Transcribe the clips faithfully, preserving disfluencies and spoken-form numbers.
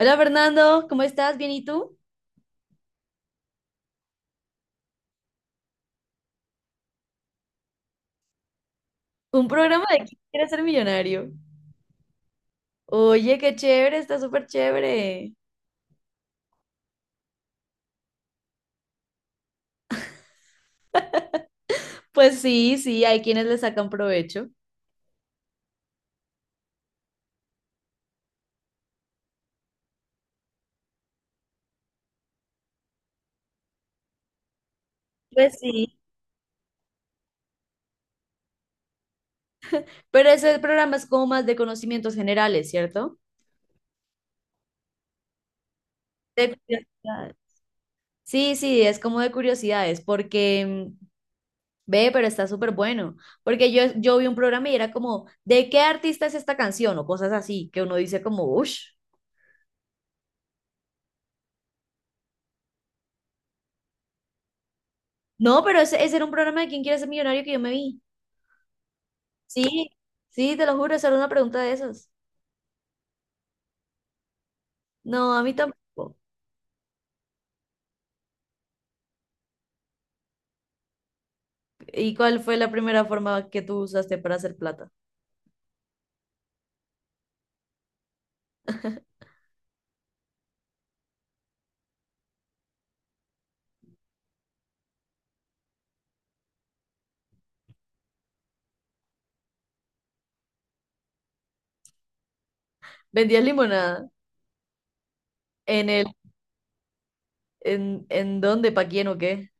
Hola Fernando, ¿cómo estás? ¿Bien y tú? Un programa de ¿Quién quiere ser millonario? Oye, qué chévere, está súper chévere. Pues sí, sí, hay quienes le sacan provecho. Pues sí. Pero ese programa es como más de conocimientos generales, ¿cierto? De curiosidades. Sí, sí, es como de curiosidades, porque mm, ve, pero está súper bueno. Porque yo, yo vi un programa y era como, ¿de qué artista es esta canción? O cosas así, que uno dice como, uff. No, pero ese, ese era un programa de ¿Quién quiere ser millonario que yo me vi. Sí, sí, te lo juro, esa era una pregunta de esas. No, a mí tampoco. ¿Y cuál fue la primera forma que tú usaste para hacer plata? ¿Vendías limonada? ¿En el, en, en dónde, para quién o qué?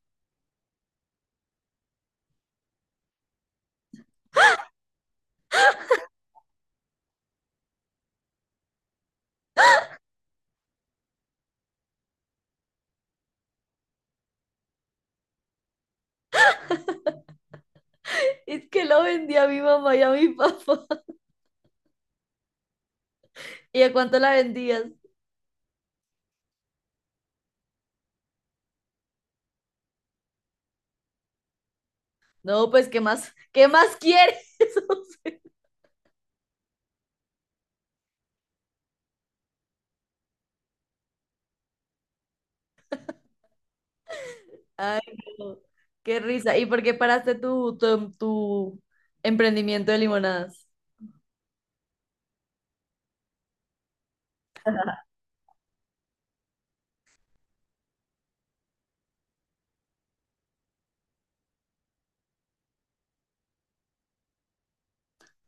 Es que lo vendía a mi mamá y a mi papá. ¿Y a cuánto la vendías? No, pues, ¿qué más? ¿Qué más quieres? O sea, ay, no, qué risa. ¿Y por qué paraste tu, tu, tu emprendimiento de limonadas?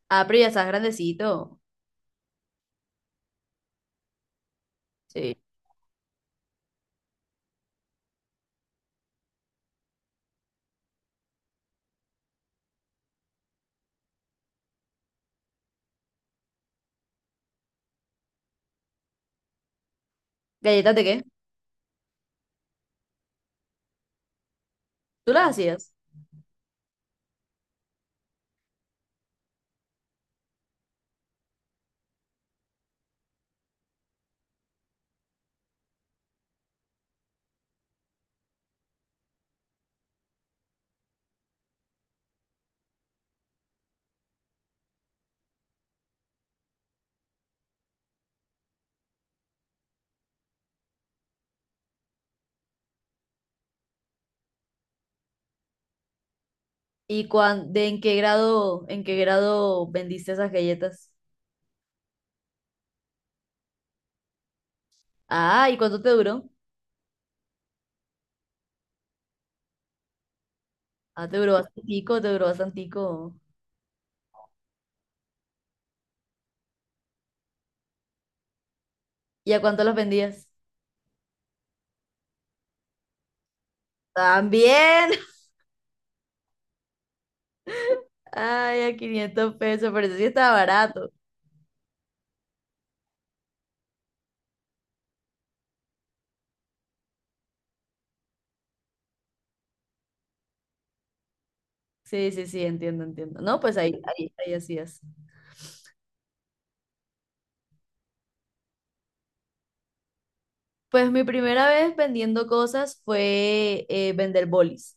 Ah, pero ya estás grandecito. Sí. ¿Galletas de qué? ¿Tú las hacías? ¿Y cuán, de en qué grado, en qué grado vendiste esas galletas? Ah, ¿y cuánto te duró? Ah, te duró bastantico, te duró bastantico. ¿Y a cuánto las vendías? También. Ay, a quinientos pesos, pero eso sí estaba barato. Sí, sí, sí, entiendo, entiendo. No, pues ahí, ahí, ahí hacías. Pues mi primera vez vendiendo cosas fue eh, vender bolis.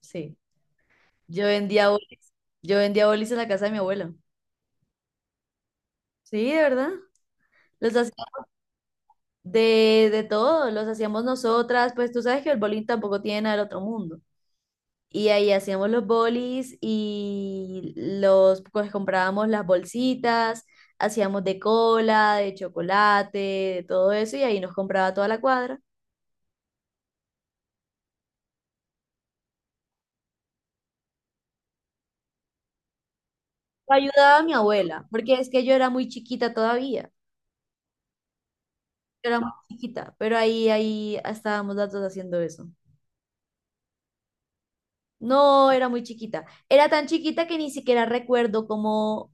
Sí, yo vendía bolis. Yo vendía bolis en la casa de mi abuela. Sí, de verdad. Los hacía De, de todo, los hacíamos nosotras, pues tú sabes que el bowling tampoco tiene nada del otro mundo. Y ahí hacíamos los bolis y los, pues comprábamos las bolsitas, hacíamos de cola, de chocolate, de todo eso, y ahí nos compraba toda la cuadra. Lo ayudaba a mi abuela, porque es que yo era muy chiquita todavía, yo era muy chiquita, pero ahí, ahí estábamos las dos haciendo eso. No, era muy chiquita. Era tan chiquita que ni siquiera recuerdo cómo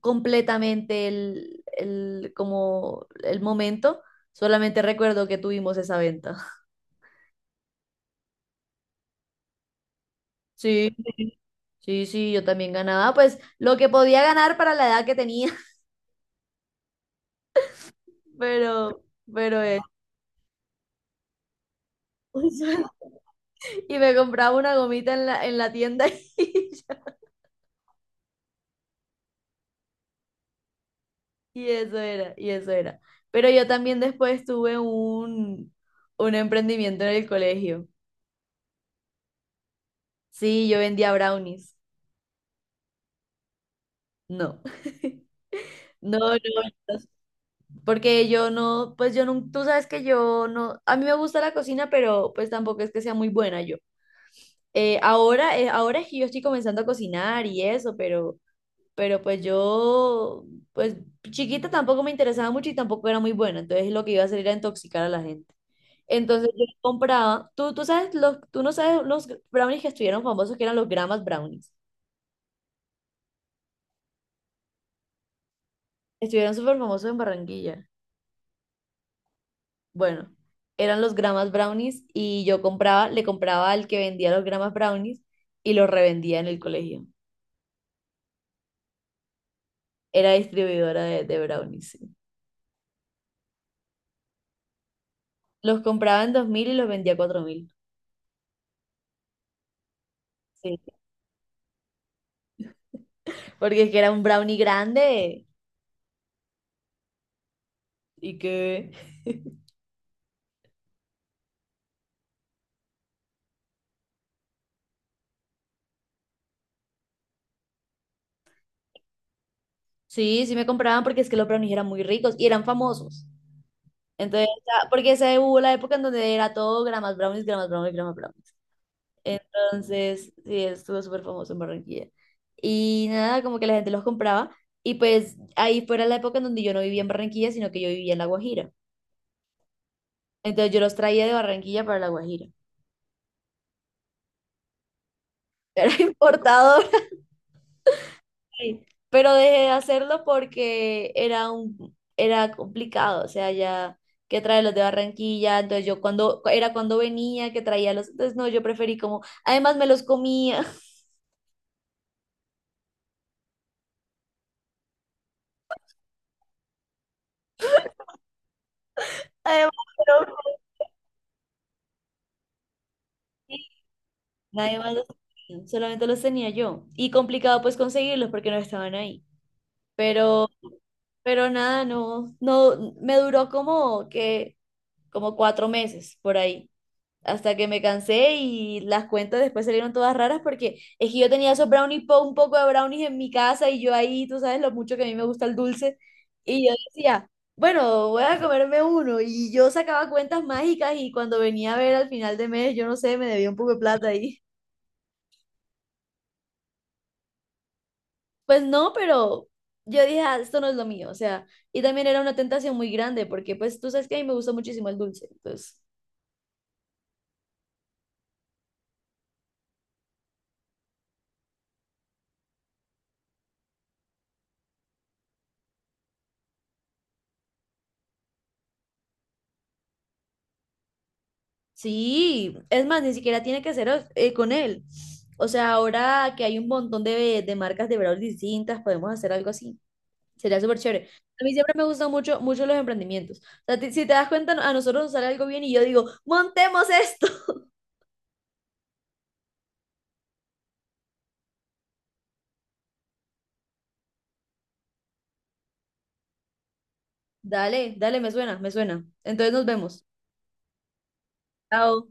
completamente el, el, como el momento. Solamente recuerdo que tuvimos esa venta. Sí, sí, sí, sí, yo también ganaba, pues lo que podía ganar para la edad que tenía, pero, pero eso. Y me compraba una gomita en la, en la tienda y ya. Y eso era, y eso era. Pero yo también después tuve un, un emprendimiento en el colegio. Sí, yo vendía brownies. No, no, no. Porque yo no, pues yo no, tú sabes que yo no, a mí me gusta la cocina, pero pues tampoco es que sea muy buena yo. Eh, ahora, eh, ahora es que yo estoy comenzando a cocinar y eso, pero, pero pues yo, pues chiquita tampoco me interesaba mucho y tampoco era muy buena, entonces lo que iba a hacer era intoxicar a la gente. Entonces yo compraba, tú, tú sabes, los, tú no sabes los brownies que estuvieron famosos, que eran los gramas brownies. Estuvieron súper famosos en Barranquilla. Bueno, eran los gramas brownies y yo compraba, le compraba al que vendía los gramas brownies y los revendía en el colegio. Era distribuidora de, de brownies, sí. Los compraba en dos mil y los vendía a cuatro mil. Sí. Porque es que era un brownie grande y que... Sí, sí me compraban porque es que los brownies eran muy ricos y eran famosos. Entonces, ya- porque esa hubo la época en donde era todo gramas brownies, gramas brownies, gramas brownies. Entonces, sí, estuvo súper famoso en Barranquilla. Y nada, como que la gente los compraba. Y pues ahí fuera la época en donde yo no vivía en Barranquilla, sino que yo vivía en La Guajira. Entonces yo los traía de Barranquilla para La Guajira. Era importador. Ahí. Pero dejé de hacerlo porque era un, era complicado. O sea, ya que traer los de Barranquilla. Entonces yo cuando, era cuando venía que traía los. Entonces no, yo preferí como, además me los comía. Además, nadie más los tenía, solamente los tenía yo. Y complicado pues conseguirlos porque no estaban ahí. Pero, pero nada, no, no, me duró como que, como cuatro meses por ahí. Hasta que me cansé y las cuentas después salieron todas raras porque es que yo tenía esos brownies, po- un poco de brownies en mi casa y yo ahí, tú sabes lo mucho que a mí me gusta el dulce. Y yo decía, bueno, voy a comerme uno. Y yo sacaba cuentas mágicas y cuando venía a ver al final de mes, yo no sé, me debía un poco de plata ahí. Pues no, pero yo dije, "Ah, esto no es lo mío, o sea, y también era una tentación muy grande porque pues tú sabes que a mí me gusta muchísimo el dulce, entonces sí, es más, ni siquiera tiene que ser eh, con él. O sea, ahora que hay un montón de, de marcas de brownies distintas, podemos hacer algo así. Sería súper chévere. A mí siempre me gustan mucho, mucho los emprendimientos. O sea, ti- si te das cuenta, a nosotros nos sale algo bien y yo digo, montemos esto. Dale, dale, me suena, me suena. Entonces nos vemos. Chao.